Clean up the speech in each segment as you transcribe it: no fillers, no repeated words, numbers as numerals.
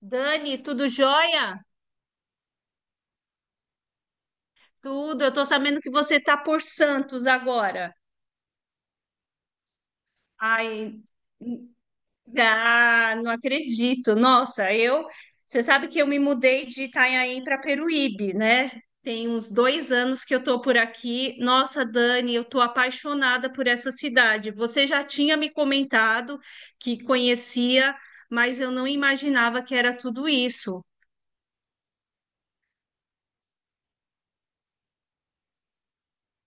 Dani, tudo jóia? Tudo. Eu tô sabendo que você tá por Santos agora. Ai, n- não acredito. Nossa, eu. Você sabe que eu me mudei de Itanhaém para Peruíbe, né? Tem uns 2 anos que eu tô por aqui. Nossa, Dani, eu tô apaixonada por essa cidade. Você já tinha me comentado que conhecia, mas eu não imaginava que era tudo isso.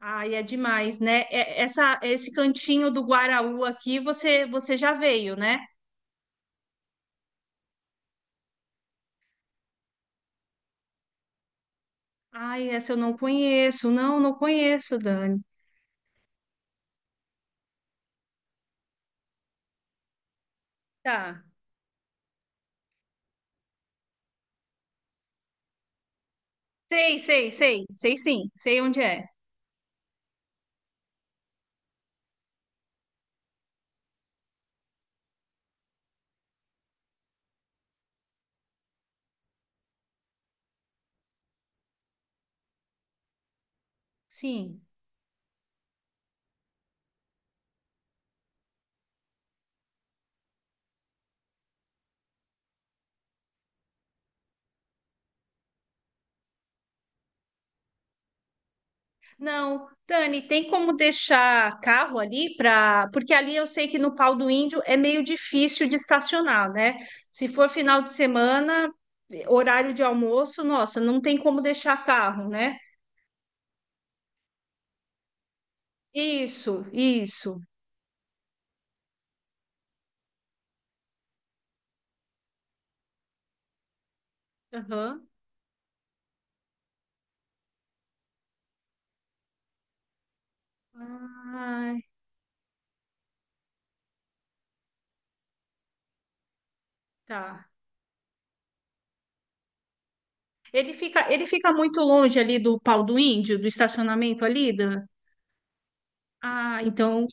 Ai, é demais, né? Esse cantinho do Guaraú aqui, você já veio, né? Ai, essa eu não conheço. Não, não conheço, Dani. Tá. Sei, sei, sei. Sei sim. Sei onde é. Sim. Não, Dani, tem como deixar carro ali para. Porque ali eu sei que no Pau do Índio é meio difícil de estacionar, né? Se for final de semana, horário de almoço, nossa, não tem como deixar carro, né? Isso, isso. Aham. Ah, tá. Ele fica muito longe ali do Pau do Índio, do estacionamento ali, da... Ah, então.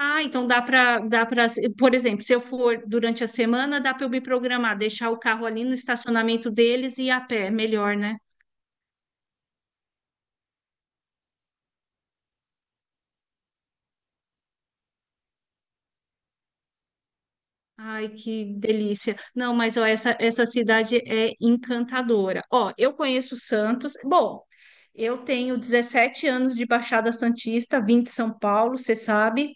Ah, dá para, por exemplo, se eu for durante a semana, dá para eu me programar, deixar o carro ali no estacionamento deles e ir a pé, melhor, né? Ai, que delícia. Não, mas ó, essa cidade é encantadora. Ó, eu conheço Santos. Bom, eu tenho 17 anos de Baixada Santista, vim de São Paulo, você sabe.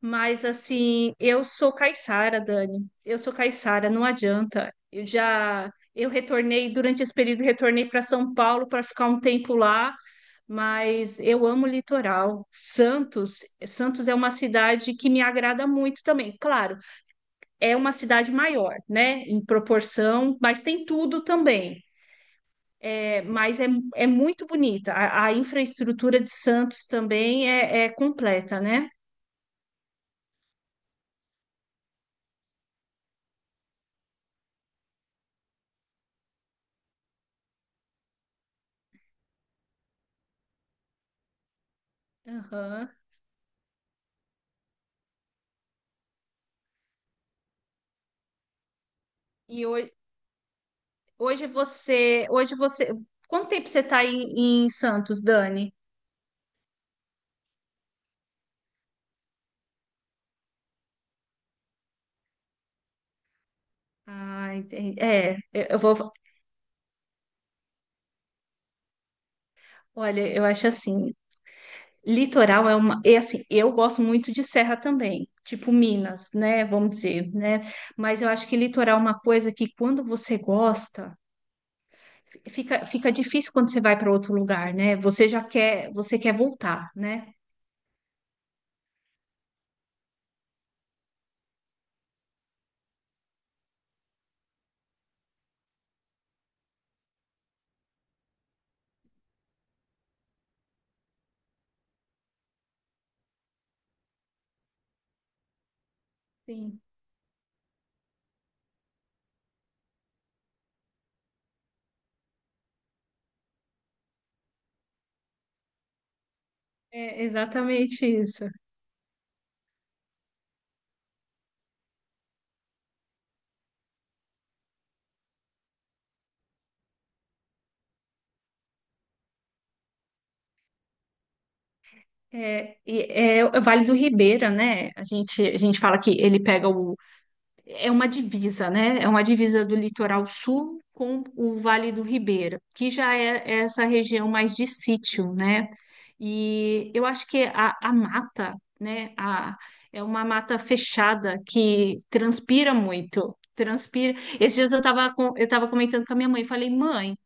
Mas assim, eu sou caiçara, Dani. Eu sou caiçara, não adianta. Eu retornei durante esse período, retornei para São Paulo para ficar um tempo lá, mas eu amo o litoral. Santos é uma cidade que me agrada muito também. Claro, é uma cidade maior, né, em proporção, mas tem tudo também. É, mas é, é muito bonita. A infraestrutura de Santos também é completa, né? Aham. E ho- Hoje quanto tempo você está em, em Santos, Dani? Ah, entendi. Olha, eu acho assim, litoral é assim, eu gosto muito de serra também, tipo Minas, né, vamos dizer, né? Mas eu acho que litoral é uma coisa que quando você gosta, fica difícil quando você vai para outro lugar, né? Você já quer, você quer voltar, né? Sim, é exatamente isso. O Vale do Ribeira, né? A gente fala que ele pega o. É uma divisa, né? É uma divisa do litoral sul com o Vale do Ribeira, que já é essa região mais de sítio, né? E eu acho que a mata, né? A, é uma mata fechada que transpira muito. Transpira. Esses dias eu tava comentando com a minha mãe, falei, mãe.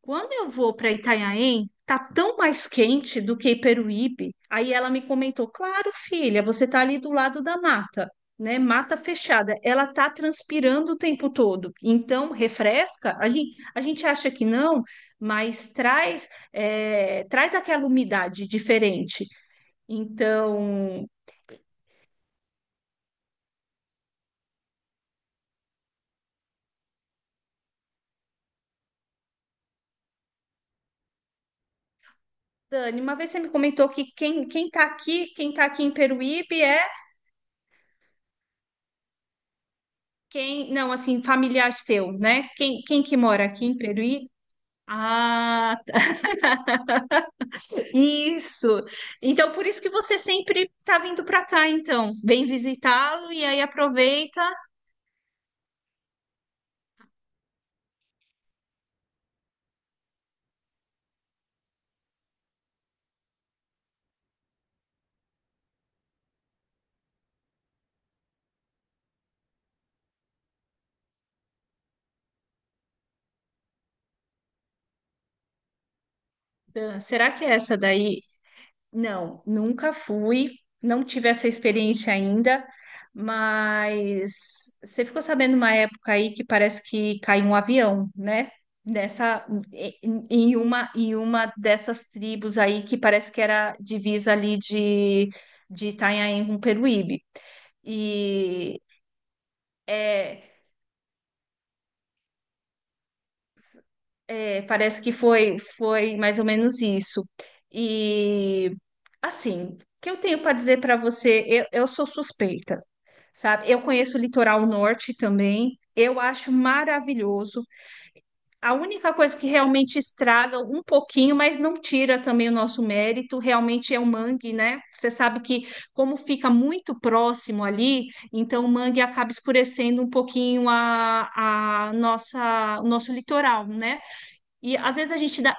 Quando eu vou para Itanhaém, tá tão mais quente do que Peruíbe. Aí ela me comentou: "Claro, filha, você tá ali do lado da mata, né? Mata fechada. Ela tá transpirando o tempo todo. Então, refresca. A gente acha que não, mas traz aquela umidade diferente. Então, Dani, uma vez você me comentou que quem tá aqui em Peruíbe é quem, não, assim, familiar seu, né? Quem que mora aqui em Peruíbe? Ah, tá- isso. Então, por isso que você sempre tá vindo para cá, então. Vem visitá-lo e aí aproveita. Ah, será que é essa daí? Não, nunca fui, não tive essa experiência ainda, mas você ficou sabendo uma época aí que parece que caiu um avião, né? Nessa, em uma dessas tribos aí que parece que era divisa ali de Itanhaém com Peruíbe. e É, é, parece que foi mais ou menos isso. E assim, o que eu tenho para dizer para você? Eu sou suspeita, sabe? Eu conheço o litoral norte também. Eu acho maravilhoso. A única coisa que realmente estraga um pouquinho, mas não tira também o nosso mérito, realmente é o mangue, né? Você sabe que como fica muito próximo ali, então o mangue acaba escurecendo um pouquinho a nossa, o nosso litoral, né? E às vezes a gente dá,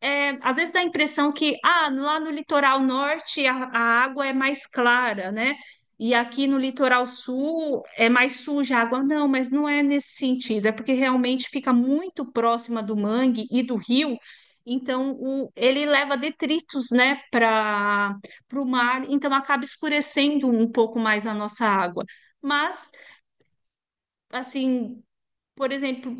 é, às vezes dá a impressão que ah, lá no litoral norte a água é mais clara, né? E aqui no litoral sul é mais suja a água. Não, mas não é nesse sentido, é porque realmente fica muito próxima do mangue e do rio, então ele leva detritos, né, para o mar, então acaba escurecendo um pouco mais a nossa água. Mas, assim, por exemplo,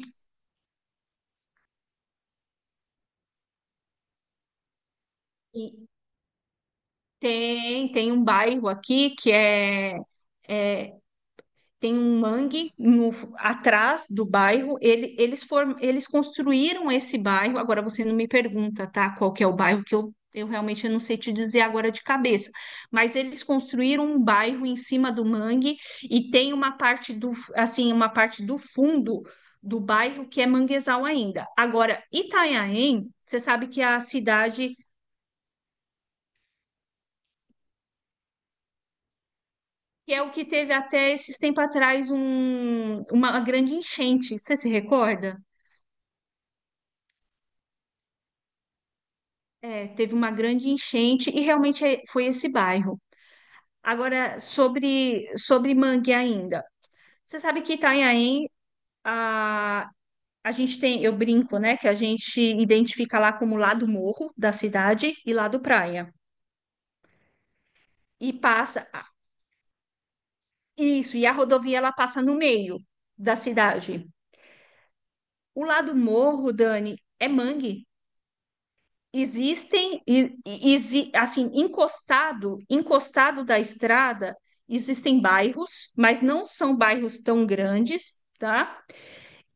tem um bairro aqui que é é, tem um mangue atrás do bairro. Eles construíram esse bairro. Agora você não me pergunta, tá? Qual que é o bairro que eu realmente não sei te dizer agora de cabeça. Mas eles construíram um bairro em cima do mangue e tem uma parte do, assim, uma parte do fundo do bairro que é manguezal ainda. Agora, Itanhaém, você sabe que é a cidade que é o que teve até esses tempos atrás uma grande enchente. Você se recorda? É, teve uma grande enchente e realmente foi esse bairro. Agora, sobre mangue ainda. Você sabe que Itanhaém, a, a gente tem, eu brinco, né, que a gente identifica lá como lado morro da cidade e lado praia. E passa, ah, isso, e a rodovia ela passa no meio da cidade. O lado morro, Dani, é mangue. Existem, assim, encostado, encostado da estrada, existem bairros, mas não são bairros tão grandes, tá?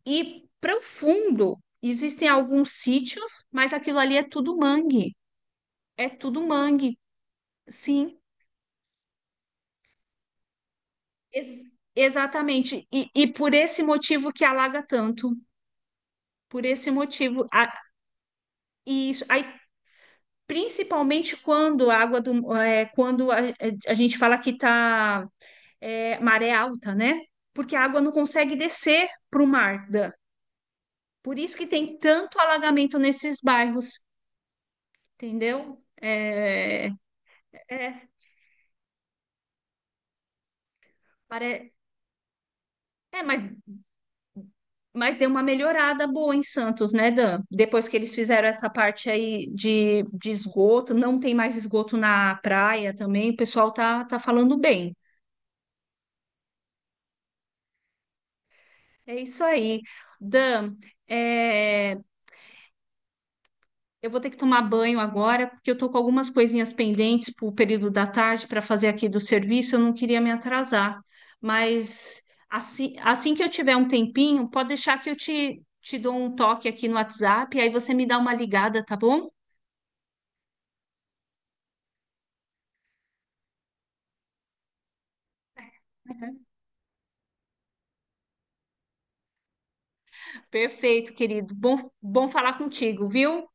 E para o fundo, existem alguns sítios, mas aquilo ali é tudo mangue. É tudo mangue, sim, ex- exatamente. E por esse motivo que alaga tanto, por esse motivo. E isso, aí, principalmente quando a água do, é, quando a gente fala que está maré alta, né? Porque a água não consegue descer para o mar, Dan. Por isso que tem tanto alagamento nesses bairros, entendeu? É, pare- é, mas, mas deu uma melhorada boa em Santos, né, Dan? Depois que eles fizeram essa parte aí de esgoto, não tem mais esgoto na praia também, o pessoal tá falando bem. É isso aí. Dan, é, eu vou ter que tomar banho agora, porque eu tô com algumas coisinhas pendentes para o período da tarde para fazer aqui do serviço. Eu não queria me atrasar, mas assim, assim que eu tiver um tempinho, pode deixar que eu te dou um toque aqui no WhatsApp, aí você me dá uma ligada, tá bom? Perfeito, querido. Bom, bom falar contigo, viu?